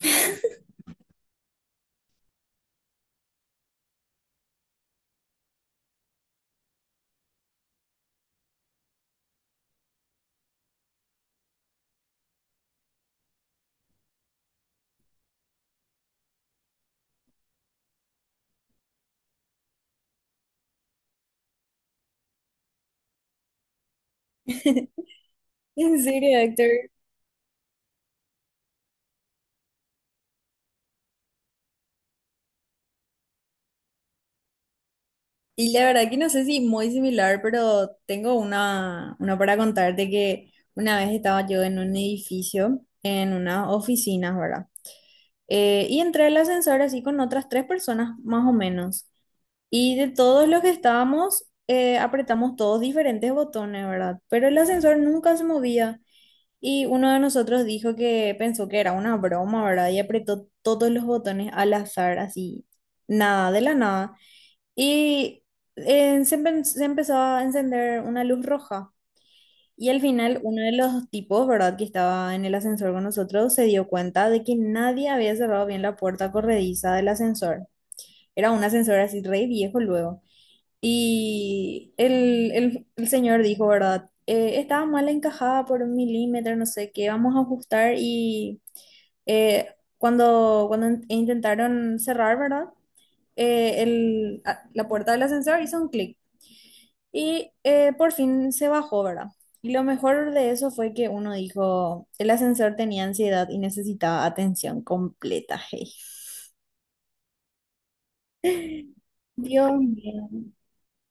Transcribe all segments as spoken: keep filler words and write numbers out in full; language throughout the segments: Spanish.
En serio, Héctor. Y la verdad que no sé si muy similar, pero tengo una, una para contarte que una vez estaba yo en un edificio, en unas oficinas, ¿verdad? Eh, y entré al ascensor así con otras tres personas más o menos. Y de todos los que estábamos, eh, apretamos todos diferentes botones, ¿verdad? Pero el ascensor nunca se movía. Y uno de nosotros dijo que pensó que era una broma, ¿verdad? Y apretó todos los botones al azar, así, nada, de la nada. Y eh, se, empe- Se empezó a encender una luz roja. Y al final uno de los tipos, ¿verdad? Que estaba en el ascensor con nosotros, se dio cuenta de que nadie había cerrado bien la puerta corrediza del ascensor. Era un ascensor así re viejo luego. Y el, el- el señor dijo, ¿verdad? Eh, estaba mal encajada por un milímetro, no sé qué, vamos a ajustar. Y eh, cuando, cuando in- intentaron cerrar, ¿verdad? eh, el- a- la puerta del ascensor hizo un clic. Y eh, por fin se bajó, ¿verdad? Y lo mejor de eso fue que uno dijo, el ascensor tenía ansiedad y necesitaba atención completa, hey. Dios mío,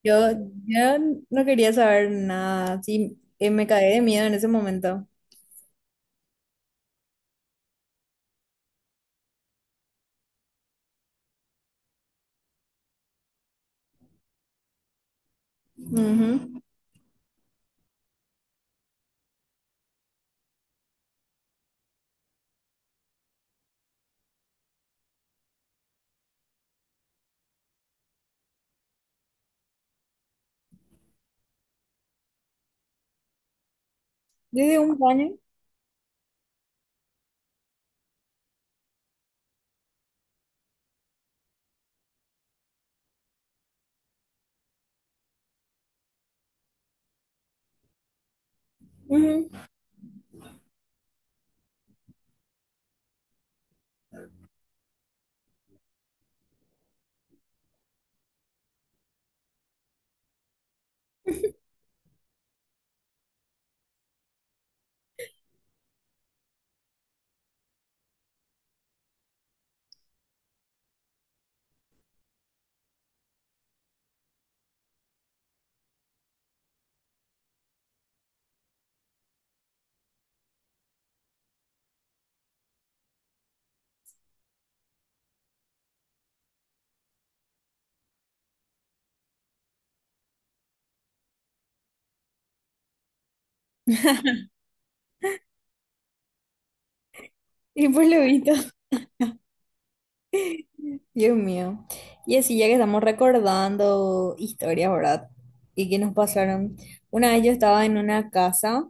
yo, yo no quería saber nada, sí, eh, me caí de miedo en ese momento. Ujú. Desde un baño, ujú. Y pues lo visto. Dios mío. Y así ya que estamos recordando historias, ¿verdad? Y que nos pasaron. Una vez yo estaba en una casa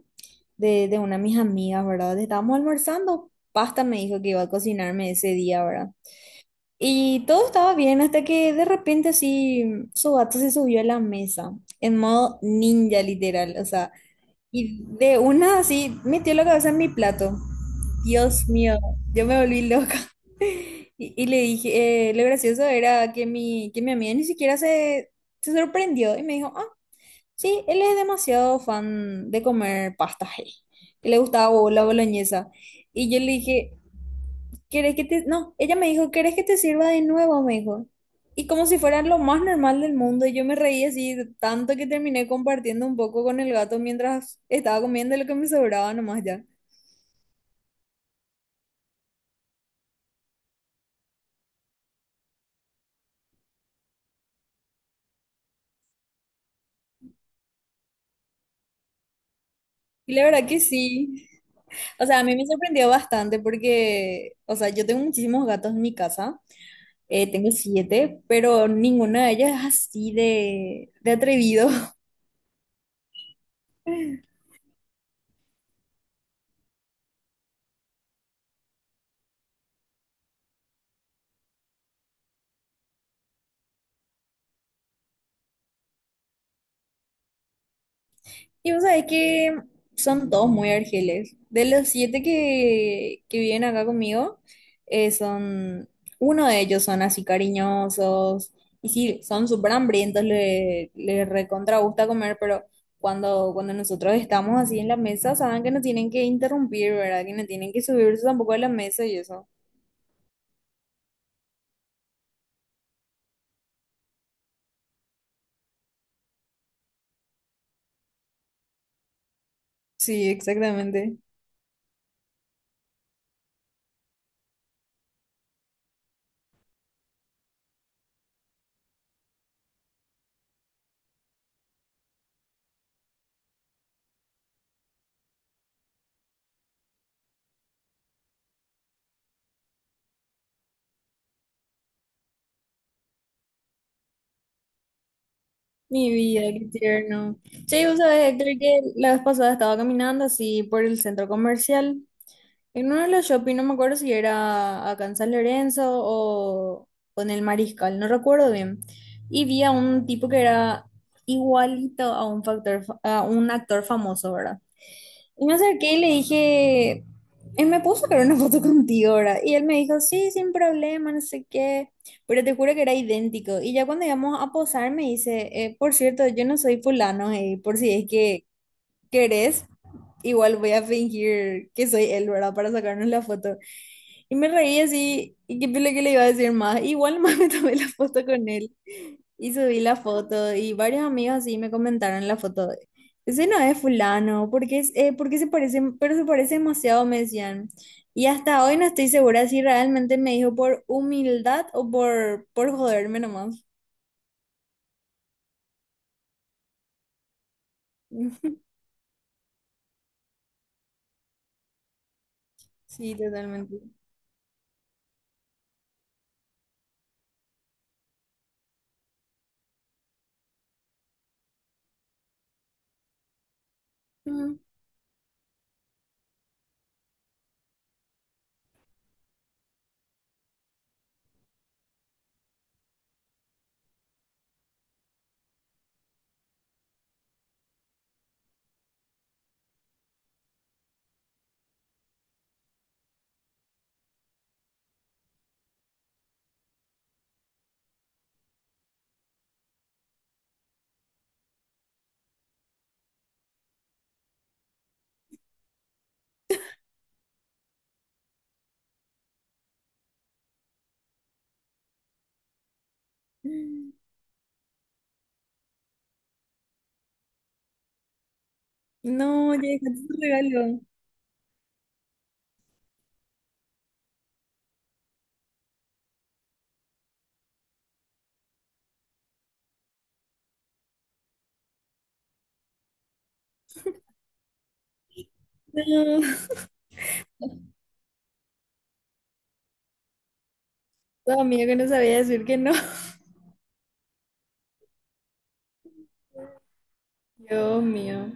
de, de una de mis amigas, ¿verdad? Estábamos almorzando. Pasta me dijo que iba a cocinarme ese día, ¿verdad? Y todo estaba bien hasta que de repente así su gato se subió a la mesa, en modo ninja literal, o sea, y de una así metió la cabeza en mi plato. Dios mío, yo me volví loca. Y, y le dije, eh, lo gracioso era que mi, que mi amiga ni siquiera se, se sorprendió y me dijo, ah, sí, él es demasiado fan de comer pasta, eh, que le gustaba bo- la boloñesa. Y yo le dije, ¿querés que te...? No, ella me dijo, ¿querés que te sirva de nuevo? Me dijo. Y como si fuera lo más normal del mundo, y yo me reí así tanto que terminé compartiendo un poco con el gato mientras estaba comiendo lo que me sobraba nomás ya. Y la verdad que sí. O sea, a mí me sorprendió bastante porque, o sea, yo tengo muchísimos gatos en mi casa. Eh, tengo siete, pero ninguna de ellas es así de, de atrevido. Y vos sabés que son todos muy argeles. De los siete que, que viven acá conmigo, eh, son, uno de ellos son así cariñosos. Y sí, son súper hambrientos, le, le recontra gusta comer, pero cuando, cuando nosotros estamos así en la mesa, saben que no tienen que interrumpir, ¿verdad? Que no tienen que subirse tampoco a la mesa y eso. Sí, exactamente. Mi vida, qué tierno. Che, vos sabés, Héctor, que la vez pasada estaba caminando así por el centro comercial. En uno de los shopping, no me acuerdo si era acá en San Lorenzo o, o en el Mariscal, no recuerdo bien. Y vi a un tipo que era igualito a un factor, fa- a un actor famoso, ¿verdad? Y me acerqué y le dije, él me puso que era una foto contigo, ¿verdad? Y él me dijo, sí, sin problema, no sé qué. Pero te juro que era idéntico. Y ya cuando íbamos a posar, me dice, "Eh, por cierto, yo no soy fulano, eh, por si es que querés igual voy a fingir que soy él, ¿verdad? Para sacarnos la foto. Y me reí así, y qué pele que le iba a decir más. Igual más me tomé la foto con él y subí la foto y varios amigos así me comentaron la foto. De, ese no es fulano, porque es, eh, ¿por qué se parece? Pero se parece demasiado, me decían. Y hasta hoy no estoy segura si realmente me dijo por humildad o por, por joderme nomás. Sí, totalmente. Mm. No, ya dejaste tu regalo. No. Tu amigo que no sabía decir que no. Dios mío.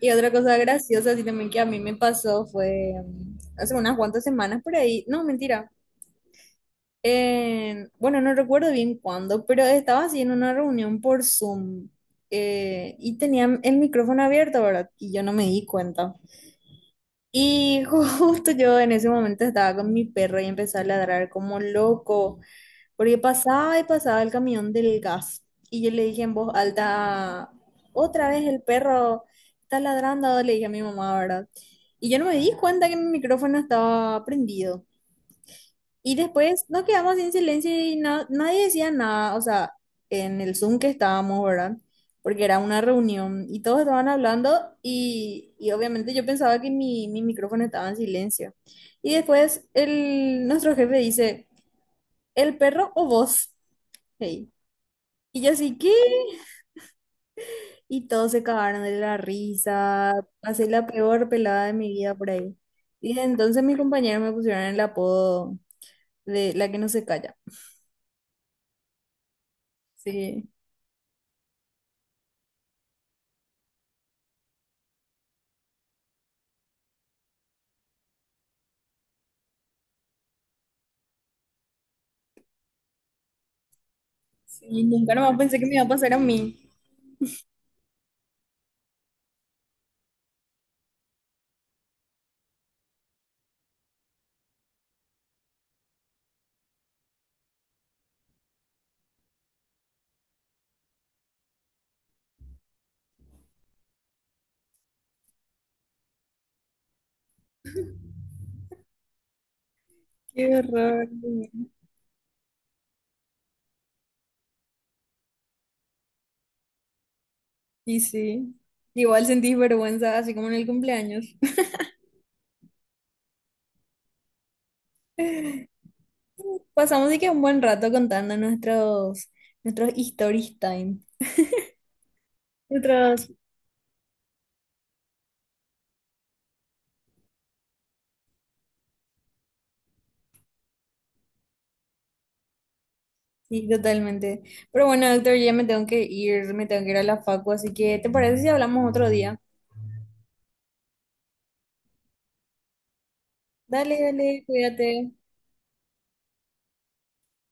Y otra cosa graciosa, así también que a mí me pasó fue mm, hace unas cuantas semanas por ahí. No, mentira. En- bueno, no recuerdo bien cuándo, pero estaba así en una reunión por Zoom, eh, y tenía el micrófono abierto, ¿verdad? Y yo no me di cuenta. Y justo yo en ese momento estaba con mi perro y empecé a ladrar como loco, porque pasaba y pasaba el camión del gas. Y yo le dije en voz alta, otra vez el perro está ladrando, le dije a mi mamá, ¿verdad? Y yo no me di cuenta que mi micrófono estaba prendido. Y después nos quedamos en silencio y na- nadie decía nada, o sea, en el Zoom que estábamos, ¿verdad? Porque era una reunión y todos estaban hablando y, y obviamente yo pensaba que mi, mi micrófono estaba en silencio. Y después el, nuestro jefe dice... ¿El perro o vos? Hey. Y yo así, ¿qué? Y todos se cagaron de la risa. Pasé la peor pelada de mi vida por ahí. Y desde entonces mis compañeros me pusieron el apodo de la que no se calla. Sí, sí, nunca nomás pensé que me iba a pasar a mí. Qué horror. Y sí, igual sentí vergüenza, así como en el cumpleaños. Pasamos y que un buen rato contando nuestros, nuestros stories time, nuestros... Sí, totalmente. Pero bueno, doctor, ya me tengo que ir, me tengo que ir a la facu, así que ¿te parece si hablamos otro día? Dale, dale, cuídate.